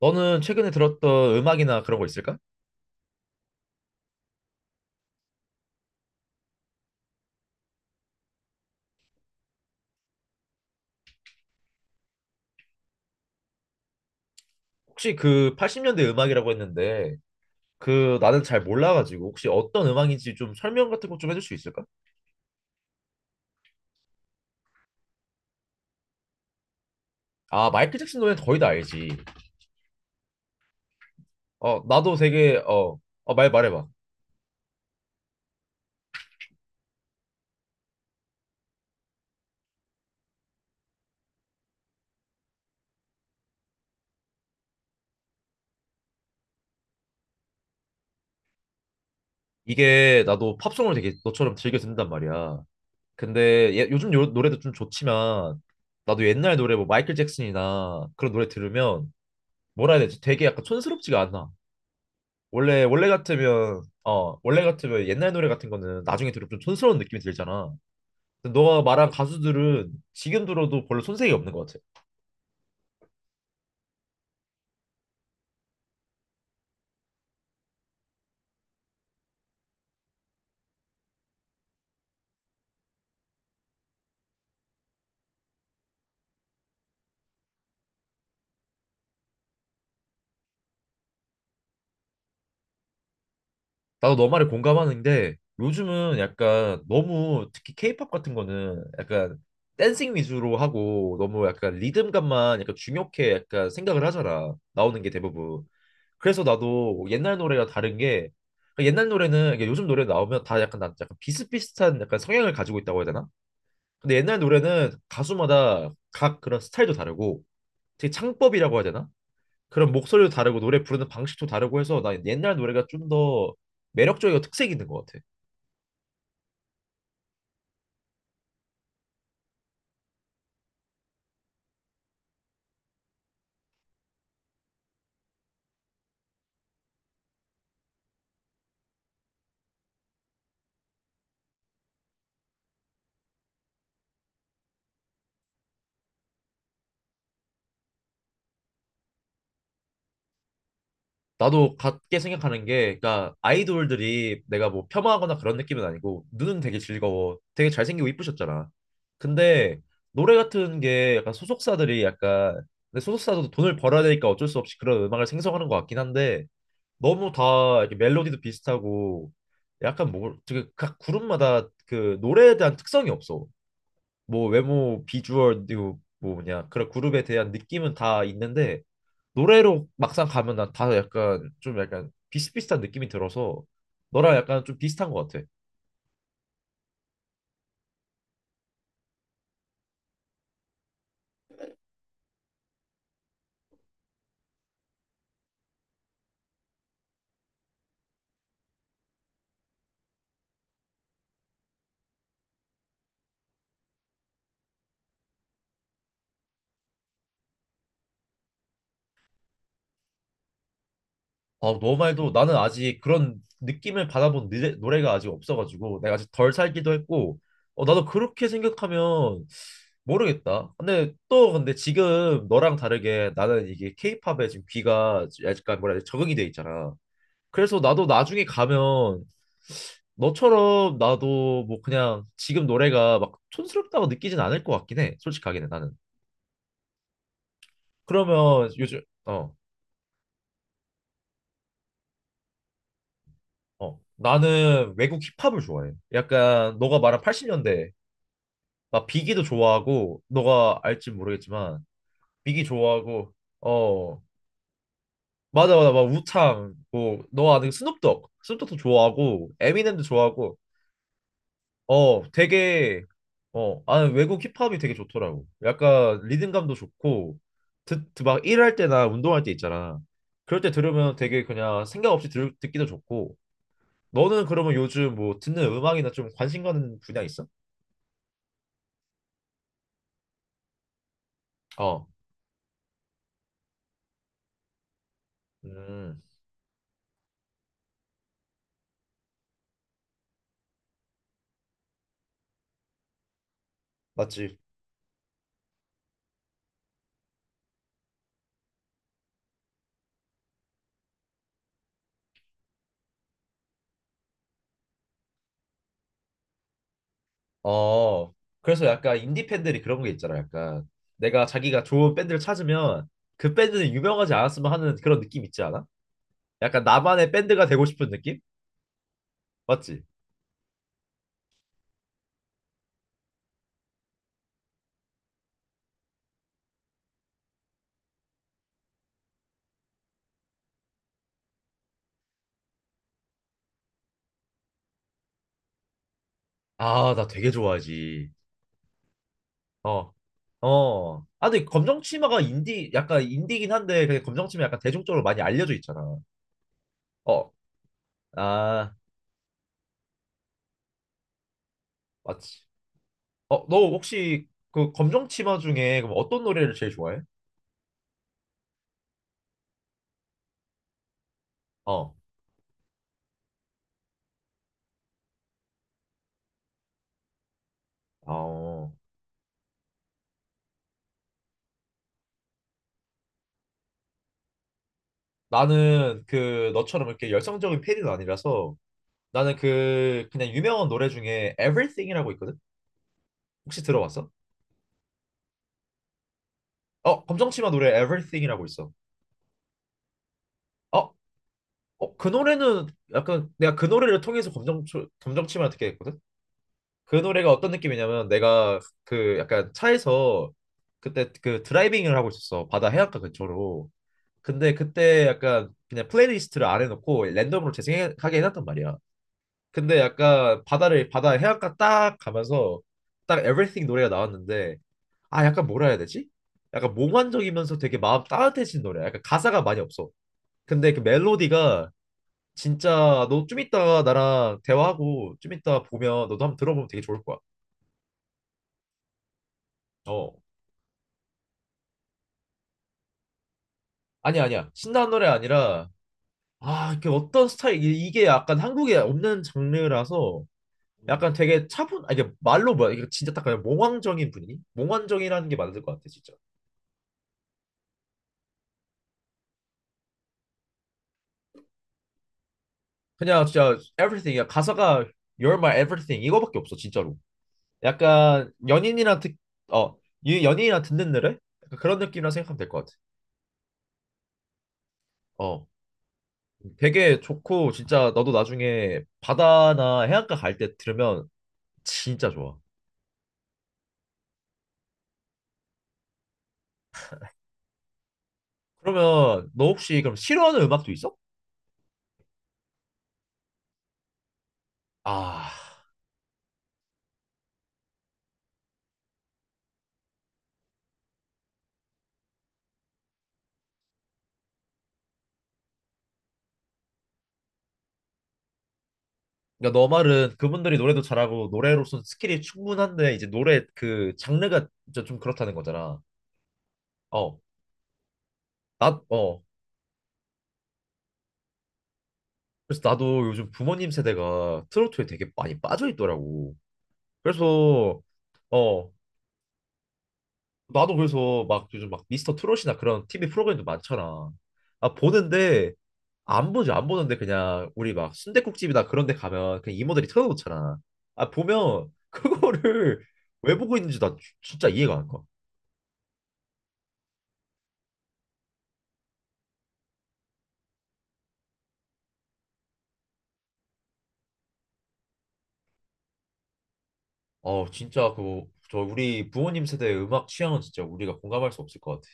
너는 최근에 들었던 음악이나 그런 거 있을까? 혹시 그 80년대 음악이라고 했는데 그 나는 잘 몰라가지고 혹시 어떤 음악인지 좀 설명 같은 거 좀 해줄 수 있을까? 아, 마이클 잭슨 노래 거의 다 알지. 어, 나도 되게. 어, 말 말해봐. 이게 나도 팝송을 되게 너처럼 즐겨 듣는단 말이야. 근데 예, 요즘 노래도 좀 좋지만 나도 옛날 노래 뭐 마이클 잭슨이나 그런 노래 들으면 뭐라 해야 되지? 되게 약간 촌스럽지가 않아. 원래 같으면 옛날 노래 같은 거는 나중에 들으면 좀 촌스러운 느낌이 들잖아. 근데 너가 말한 가수들은 지금 들어도 별로 손색이 없는 것 같아. 나도 너 말에 공감하는데 요즘은 약간 너무 특히 케이팝 같은 거는 약간 댄싱 위주로 하고 너무 약간 리듬감만 약간 중요하게 약간 생각을 하잖아. 나오는 게 대부분. 그래서 나도 옛날 노래가 다른 게 그러니까 옛날 노래는 이게 요즘 노래 나오면 다 약간 난 약간 비슷비슷한 약간 성향을 가지고 있다고 해야 되나? 근데 옛날 노래는 가수마다 각 그런 스타일도 다르고 되게 창법이라고 해야 되나? 그런 목소리도 다르고 노래 부르는 방식도 다르고 해서 나 옛날 노래가 좀 더 매력적이고 특색 있는 것 같아. 나도 같게 생각하는 게 그러니까 아이돌들이 내가 뭐 폄하하거나 그런 느낌은 아니고 눈은 되게 즐거워. 되게 잘생기고 이쁘셨잖아. 근데 노래 같은 게 약간 소속사들이 약간 근데 소속사도 돈을 벌어야 되니까 어쩔 수 없이 그런 음악을 생성하는 것 같긴 한데 너무 다 이렇게 멜로디도 비슷하고 약간 뭐 되게 각 그룹마다 그 노래에 대한 특성이 없어. 뭐 외모, 비주얼, 뭐 뭐냐 그런 그룹에 대한 느낌은 다 있는데 노래로 막상 가면 난 다 약간 좀 약간 비슷비슷한 느낌이 들어서 너랑 약간 좀 비슷한 것 같아. 아, 너 말도 나는 아직 그런 느낌을 받아본 노래가 아직 없어가지고 내가 아직 덜 살기도 했고 어, 나도 그렇게 생각하면 모르겠다. 근데 지금 너랑 다르게 나는 이게 케이팝에 지금 귀가 약간 뭐라 해야 돼 적응이 돼 있잖아. 그래서 나도 나중에 가면 너처럼 나도 뭐 그냥 지금 노래가 막 촌스럽다고 느끼진 않을 것 같긴 해. 솔직하게는 나는. 그러면 요즘. 어, 나는 외국 힙합을 좋아해. 약간 너가 말한 80년대. 나 비기도 좋아하고 너가 알지 모르겠지만 비기 좋아하고 어, 맞아, 맞아, 막 우창 뭐너 아는 스눕독도 좋아하고 에미넴도 좋아하고 어, 되게. 어, 나는 외국 힙합이 되게 좋더라고. 약간 리듬감도 좋고 듣막 일할 때나 운동할 때 있잖아. 그럴 때 들으면 되게 그냥 생각 없이 듣기도 좋고 너는 그러면 요즘 뭐 듣는 음악이나 좀 관심 가는 분야 있어? 어, 음, 맞지? 어. 그래서 약간 인디 팬들이 그런 게 있잖아. 약간 내가 자기가 좋은 밴드를 찾으면 그 밴드는 유명하지 않았으면 하는 그런 느낌 있지 않아? 약간 나만의 밴드가 되고 싶은 느낌? 맞지? 아, 나 되게 좋아하지. 어, 어. 아, 근데 검정치마가 인디, 약간 인디긴 한데 그냥 검정치마 약간 대중적으로 많이 알려져 있잖아. 어, 아, 맞지. 어, 너 혹시 그 검정치마 중에 그럼 어떤 노래를 제일 좋아해? 어, 어. 나는 그 너처럼 이렇게 열성적인 팬은 아니라서 나는 그 그냥 유명한 노래 중에 Everything이라고 있거든. 혹시 들어봤어? 어, 검정치마 노래 Everything이라고 있어. 어, 어, 그 노래는 약간 내가 그 노래를 통해서 검정치마를 듣게 됐거든. 그 노래가 어떤 느낌이냐면 내가 그 약간 차에서 그때 그 드라이빙을 하고 있었어. 바다 해안가 근처로. 근데 그때 약간 그냥 플레이리스트를 안 해놓고 랜덤으로 재생하게 해놨단 말이야. 근데 약간 바다 해안가 딱 가면서 딱 Everything 노래가 나왔는데 아, 약간 뭐라 해야 되지? 약간 몽환적이면서 되게 마음 따뜻해진 노래야. 약간 가사가 많이 없어. 근데 그 멜로디가 진짜 너 좀 이따가 나랑 대화하고 좀 이따 보면 너도 한번 들어보면 되게 좋을 거야. 어, 아니야, 아니야, 신나는 노래 아니라 아, 이게 어떤 스타일 이게 약간 한국에 없는 장르라서 약간 되게 차분, 아, 이게 말로 뭐야, 이게 진짜 딱 그냥 몽환적인 분위기? 몽환적이라는 게 맞을 것 같아 진짜. 그냥 진짜 e v e r y t h i n g 야 가사가 You're my everything 이거밖에 없어 진짜로. 약간 연인이랑 듣어 연인이랑 듣는 노래 약간 그런 느낌이라 생각하면 될 것 같아. 어, 되게 좋고 진짜 너도 나중에 바다나 해안가 갈 때 들으면 진짜 좋아. 그러면 너 혹시 그럼 싫어하는 음악도 있어? 아, 그러니까 너 말은 그분들이 노래도 잘하고 노래로서 스킬이 충분한데 이제 노래 그 장르가 진짜 좀 그렇다는 거잖아. 어, 나, 어, 그래서 나도 요즘 부모님 세대가 트로트에 되게 많이 빠져 있더라고. 그래서 어, 나도 그래서 막 요즘 막 미스터 트롯이나 그런 TV 프로그램도 많잖아. 아, 보는데 안 보지, 안 보는데 그냥 우리 막 순댓국집이나 그런 데 가면 그냥 이모들이 틀어놓잖아. 아, 보면 그거를 왜 보고 있는지 나 진짜 이해가 안 가. 어, 진짜, 그 저 우리 부모님 세대의 음악 취향은 진짜 우리가 공감할 수 없을 것 같아.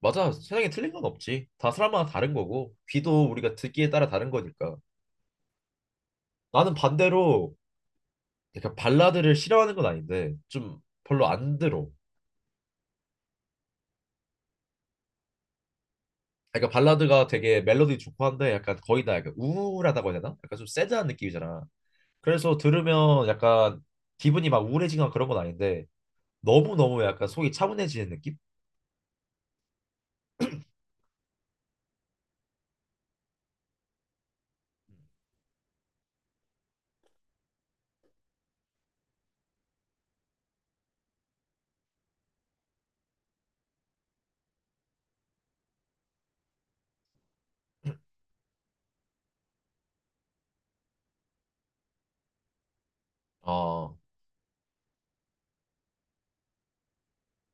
맞아. 세상에 틀린 건 없지. 다 사람마다 다른 거고 귀도 우리가 듣기에 따라 다른 거니까. 나는 반대로 약간 발라드를 싫어하는 건 아닌데 좀 별로 안 들어. 그러니까 발라드가 되게 멜로디 좋고 한데 약간 거의 다 약간 우울하다고 해야 되나? 약간 좀 새드한 느낌이잖아. 그래서 들으면 약간 기분이 막 우울해지거나 그런 건 아닌데 너무너무 약간 속이 차분해지는 느낌? 아,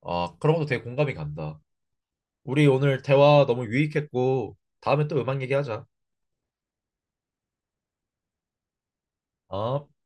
아, 그런 것도 되게 공감이 간다. 우리 오늘 대화 너무 유익했고 다음에 또 음악 얘기하자. 아.